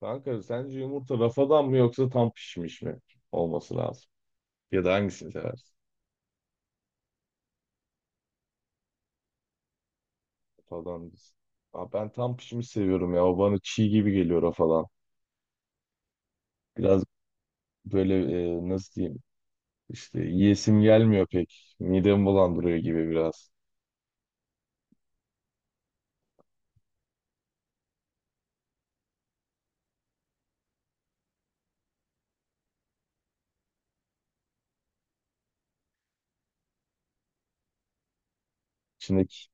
Kanka sence yumurta rafadan mı yoksa tam pişmiş mi olması lazım? Ya da hangisini seversin? Rafadan biz. Aa, ben tam pişmiş seviyorum ya. O bana çiğ gibi geliyor rafadan. Biraz böyle, nasıl diyeyim? İşte yiyesim gelmiyor pek. Midemi bulandırıyor gibi biraz. İçindeki,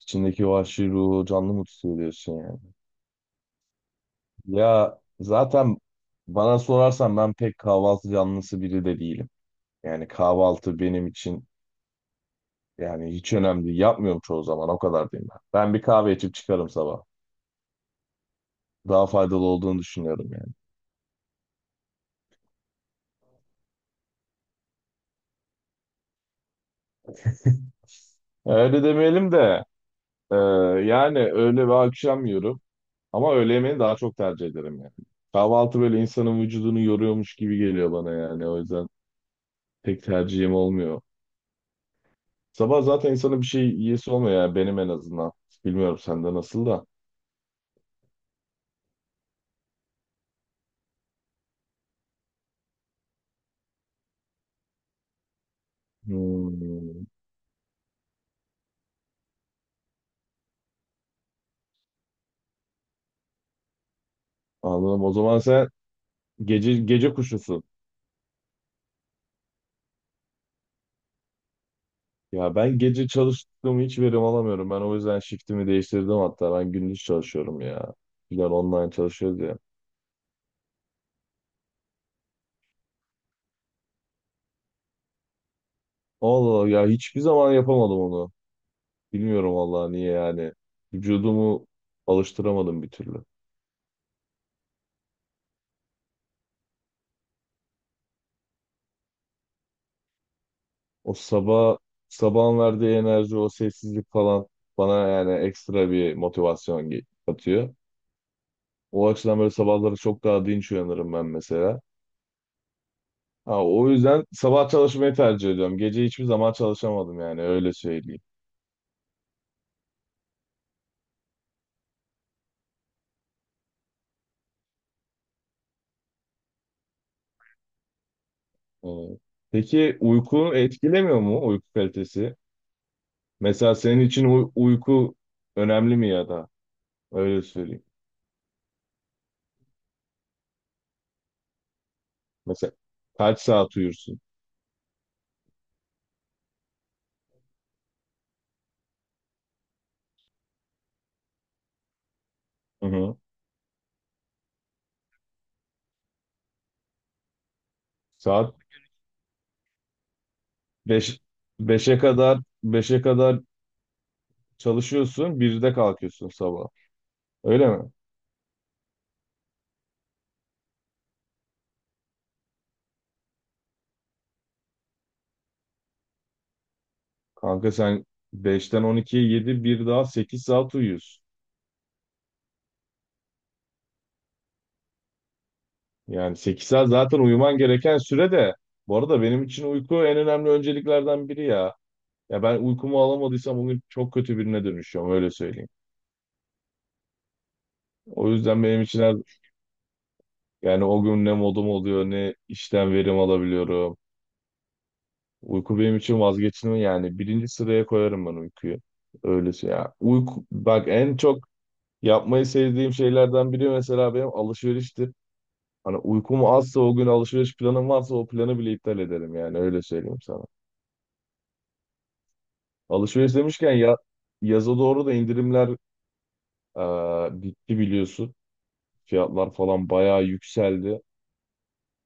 içindeki vahşi ruhu canlı mı tutuyor diyorsun yani? Ya zaten bana sorarsan ben pek kahvaltı canlısı biri de değilim. Yani kahvaltı benim için, yani hiç önemli değil. Yapmıyorum çoğu zaman. O kadar diyeyim ben. Ben bir kahve içip çıkarım sabah. Daha faydalı olduğunu düşünüyorum yani. Öyle demeyelim de, e, yani öğle ve akşam yiyorum. Ama öğle yemeğini daha çok tercih ederim yani. Kahvaltı böyle insanın vücudunu yoruyormuş gibi geliyor bana yani. O yüzden pek tercihim olmuyor. Sabah zaten insanın bir şey yiyesi olmuyor yani benim en azından. Bilmiyorum sende nasıl da. Hmm, anladım. O zaman sen gece gece kuşusun. Ya ben gece çalıştığımı hiç verim alamıyorum. Ben o yüzden shiftimi değiştirdim hatta. Ben gündüz çalışıyorum ya. Bizler online çalışıyoruz ya. Allah Allah ya hiçbir zaman yapamadım onu. Bilmiyorum vallahi niye yani. Vücudumu alıştıramadım bir türlü. O sabah sabahın verdiği enerji, o sessizlik falan bana yani ekstra bir motivasyon katıyor. O açıdan böyle sabahları çok daha dinç uyanırım ben mesela. Ha, o yüzden sabah çalışmayı tercih ediyorum. Gece hiçbir zaman çalışamadım yani öyle söyleyeyim. Evet. Peki uyku etkilemiyor mu uyku kalitesi? Mesela senin için uyku önemli mi ya da öyle söyleyeyim. Mesela kaç saat uyursun? Hı hı. Saat 5, 5'e kadar, 5'e kadar çalışıyorsun, 1'de kalkıyorsun sabah. Öyle mi? Kanka sen 5'ten 12'ye 7 bir daha 8 saat uyuyorsun. Yani 8 saat zaten uyuman gereken süre de, bu arada benim için uyku en önemli önceliklerden biri ya. Ya ben uykumu alamadıysam bugün çok kötü birine dönüşüyorum öyle söyleyeyim. O yüzden benim için her, yani o gün ne modum oluyor ne işten verim alabiliyorum. Uyku benim için vazgeçilmez yani birinci sıraya koyarım ben uykuyu. Öylesi ya. Uyku bak en çok yapmayı sevdiğim şeylerden biri mesela benim alışveriştir. Hani uykum azsa o gün alışveriş planım varsa o planı bile iptal ederim yani öyle söyleyeyim sana. Alışveriş demişken ya yaza doğru da indirimler bitti biliyorsun. Fiyatlar falan bayağı yükseldi.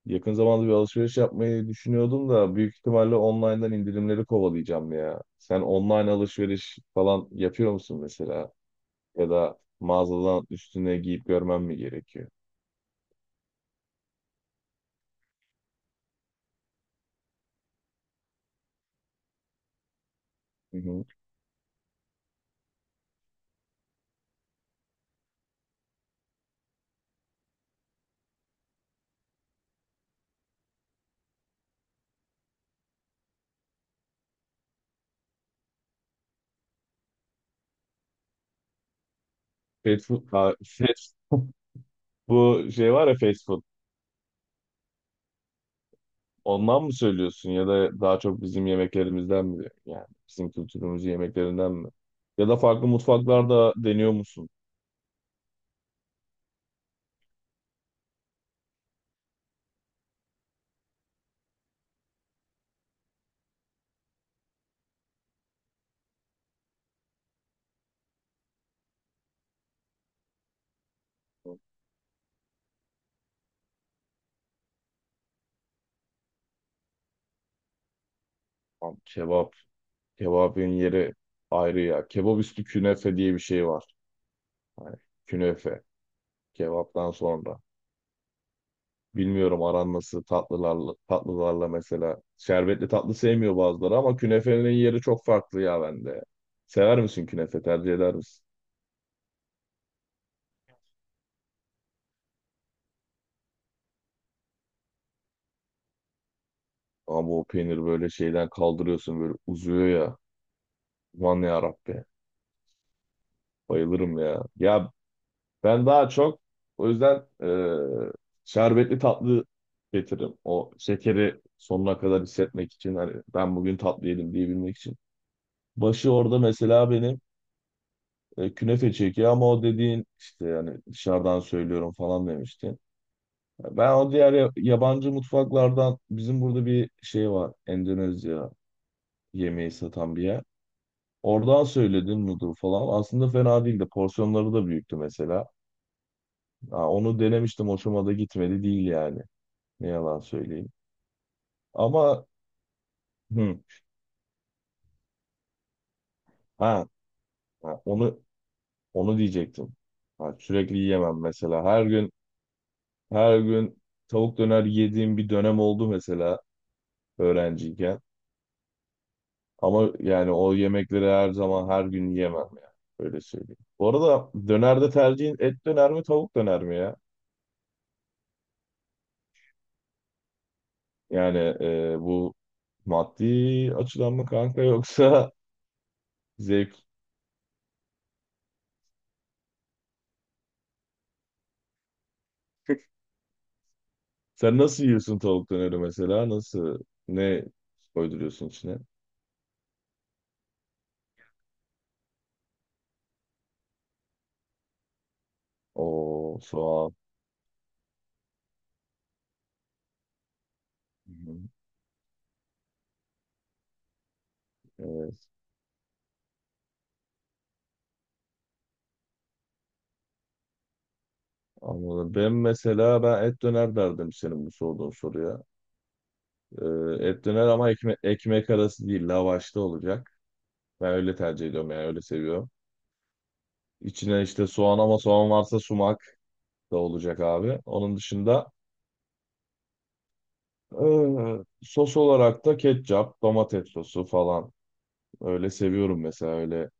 Yakın zamanda bir alışveriş yapmayı düşünüyordum da büyük ihtimalle online'dan indirimleri kovalayacağım ya. Sen online alışveriş falan yapıyor musun mesela? Ya da mağazadan üstüne giyip görmem mi gerekiyor? Hı hı. Fast food, ha, bu şey var ya fast food. Ondan mı söylüyorsun ya da daha çok bizim yemeklerimizden mi? Yani bizim kültürümüzün yemeklerinden mi? Ya da farklı mutfaklarda deniyor musun? Lan kebap, kebabın yeri ayrı ya. Kebap üstü künefe diye bir şey var. Hani künefe. Kebaptan sonra. Bilmiyorum aran nasıl tatlılarla mesela. Şerbetli tatlı sevmiyor bazıları ama künefenin yeri çok farklı ya bende. Sever misin künefe? Tercih eder misin? Ama o peynir böyle şeyden kaldırıyorsun böyle uzuyor ya. Aman ya Rabbi. Bayılırım ya. Ya ben daha çok o yüzden, şerbetli tatlı getiririm. O şekeri sonuna kadar hissetmek için hani ben bugün tatlı yedim diyebilmek için. Başı orada mesela benim, künefe çekiyor ama o dediğin işte yani dışarıdan söylüyorum falan demiştin. Ben o diğer yabancı mutfaklardan bizim burada bir şey var. Endonezya yemeği satan bir yer. Oradan söyledim noodle falan. Aslında fena değildi. Porsiyonları da büyüktü mesela. Ha, onu denemiştim. Hoşuma da gitmedi değil yani. Ne yalan söyleyeyim. Ama hı, ha, ha, onu onu diyecektim. Ha, sürekli yiyemem mesela. Her gün her gün tavuk döner yediğim bir dönem oldu mesela öğrenciyken. Ama yani o yemekleri her zaman her gün yiyemem ya. Öyle söyleyeyim. Bu arada dönerde tercihin et döner mi tavuk döner mi ya? Yani, bu maddi açıdan mı kanka yoksa zevk? Sen nasıl yiyorsun tavuk döneri mesela? Nasıl? Ne koyduruyorsun içine? O soğan. Hı hı. Evet. Anladım. Ben mesela ben et döner derdim senin bu sorduğun soruya. Ee, et döner ama ekmek arası değil, lavaşta olacak. Ben öyle tercih ediyorum yani öyle seviyorum. İçine işte soğan ama soğan varsa sumak da olacak abi. Onun dışında, sos olarak da ketçap, domates sosu falan. Öyle seviyorum mesela öyle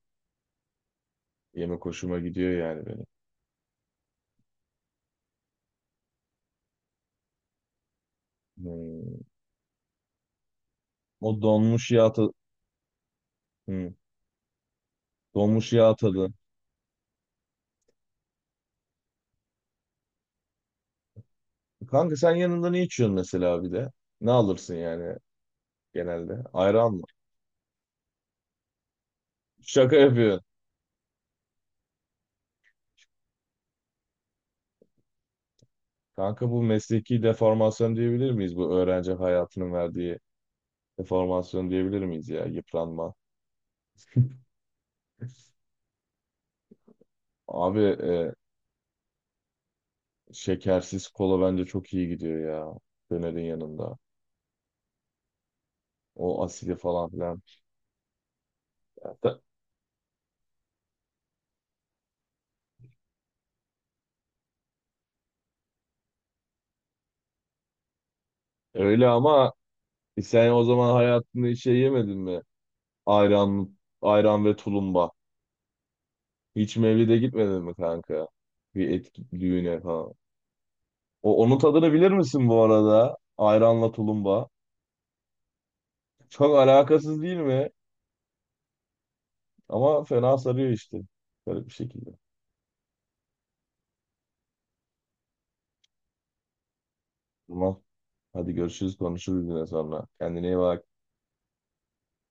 yemek hoşuma gidiyor yani benim. Hmm. O donmuş yağ tadı. Hmm. Donmuş yağ tadı. Kanka sen yanında ne içiyorsun mesela bir de? Ne alırsın yani genelde? Ayran mı? Şaka yapıyorsun. Kanka bu mesleki deformasyon diyebilir miyiz? Bu öğrenci hayatının verdiği deformasyon diyebilir miyiz ya? Yıpranma. Abi, şekersiz kola bence çok iyi gidiyor ya. Dönerin yanında. O asidi falan filan. Ya da- Öyle ama sen o zaman hayatında hiç şey yemedin mi? Ayran, ayran ve tulumba. Hiç mevlide gitmedin mi kanka? Bir etki, düğüne falan. Onun tadını bilir misin bu arada? Ayranla tulumba. Çok alakasız değil mi? Ama fena sarıyor işte. Garip bir şekilde. Tamam. Hadi görüşürüz konuşuruz yine sonra. Kendine iyi bak.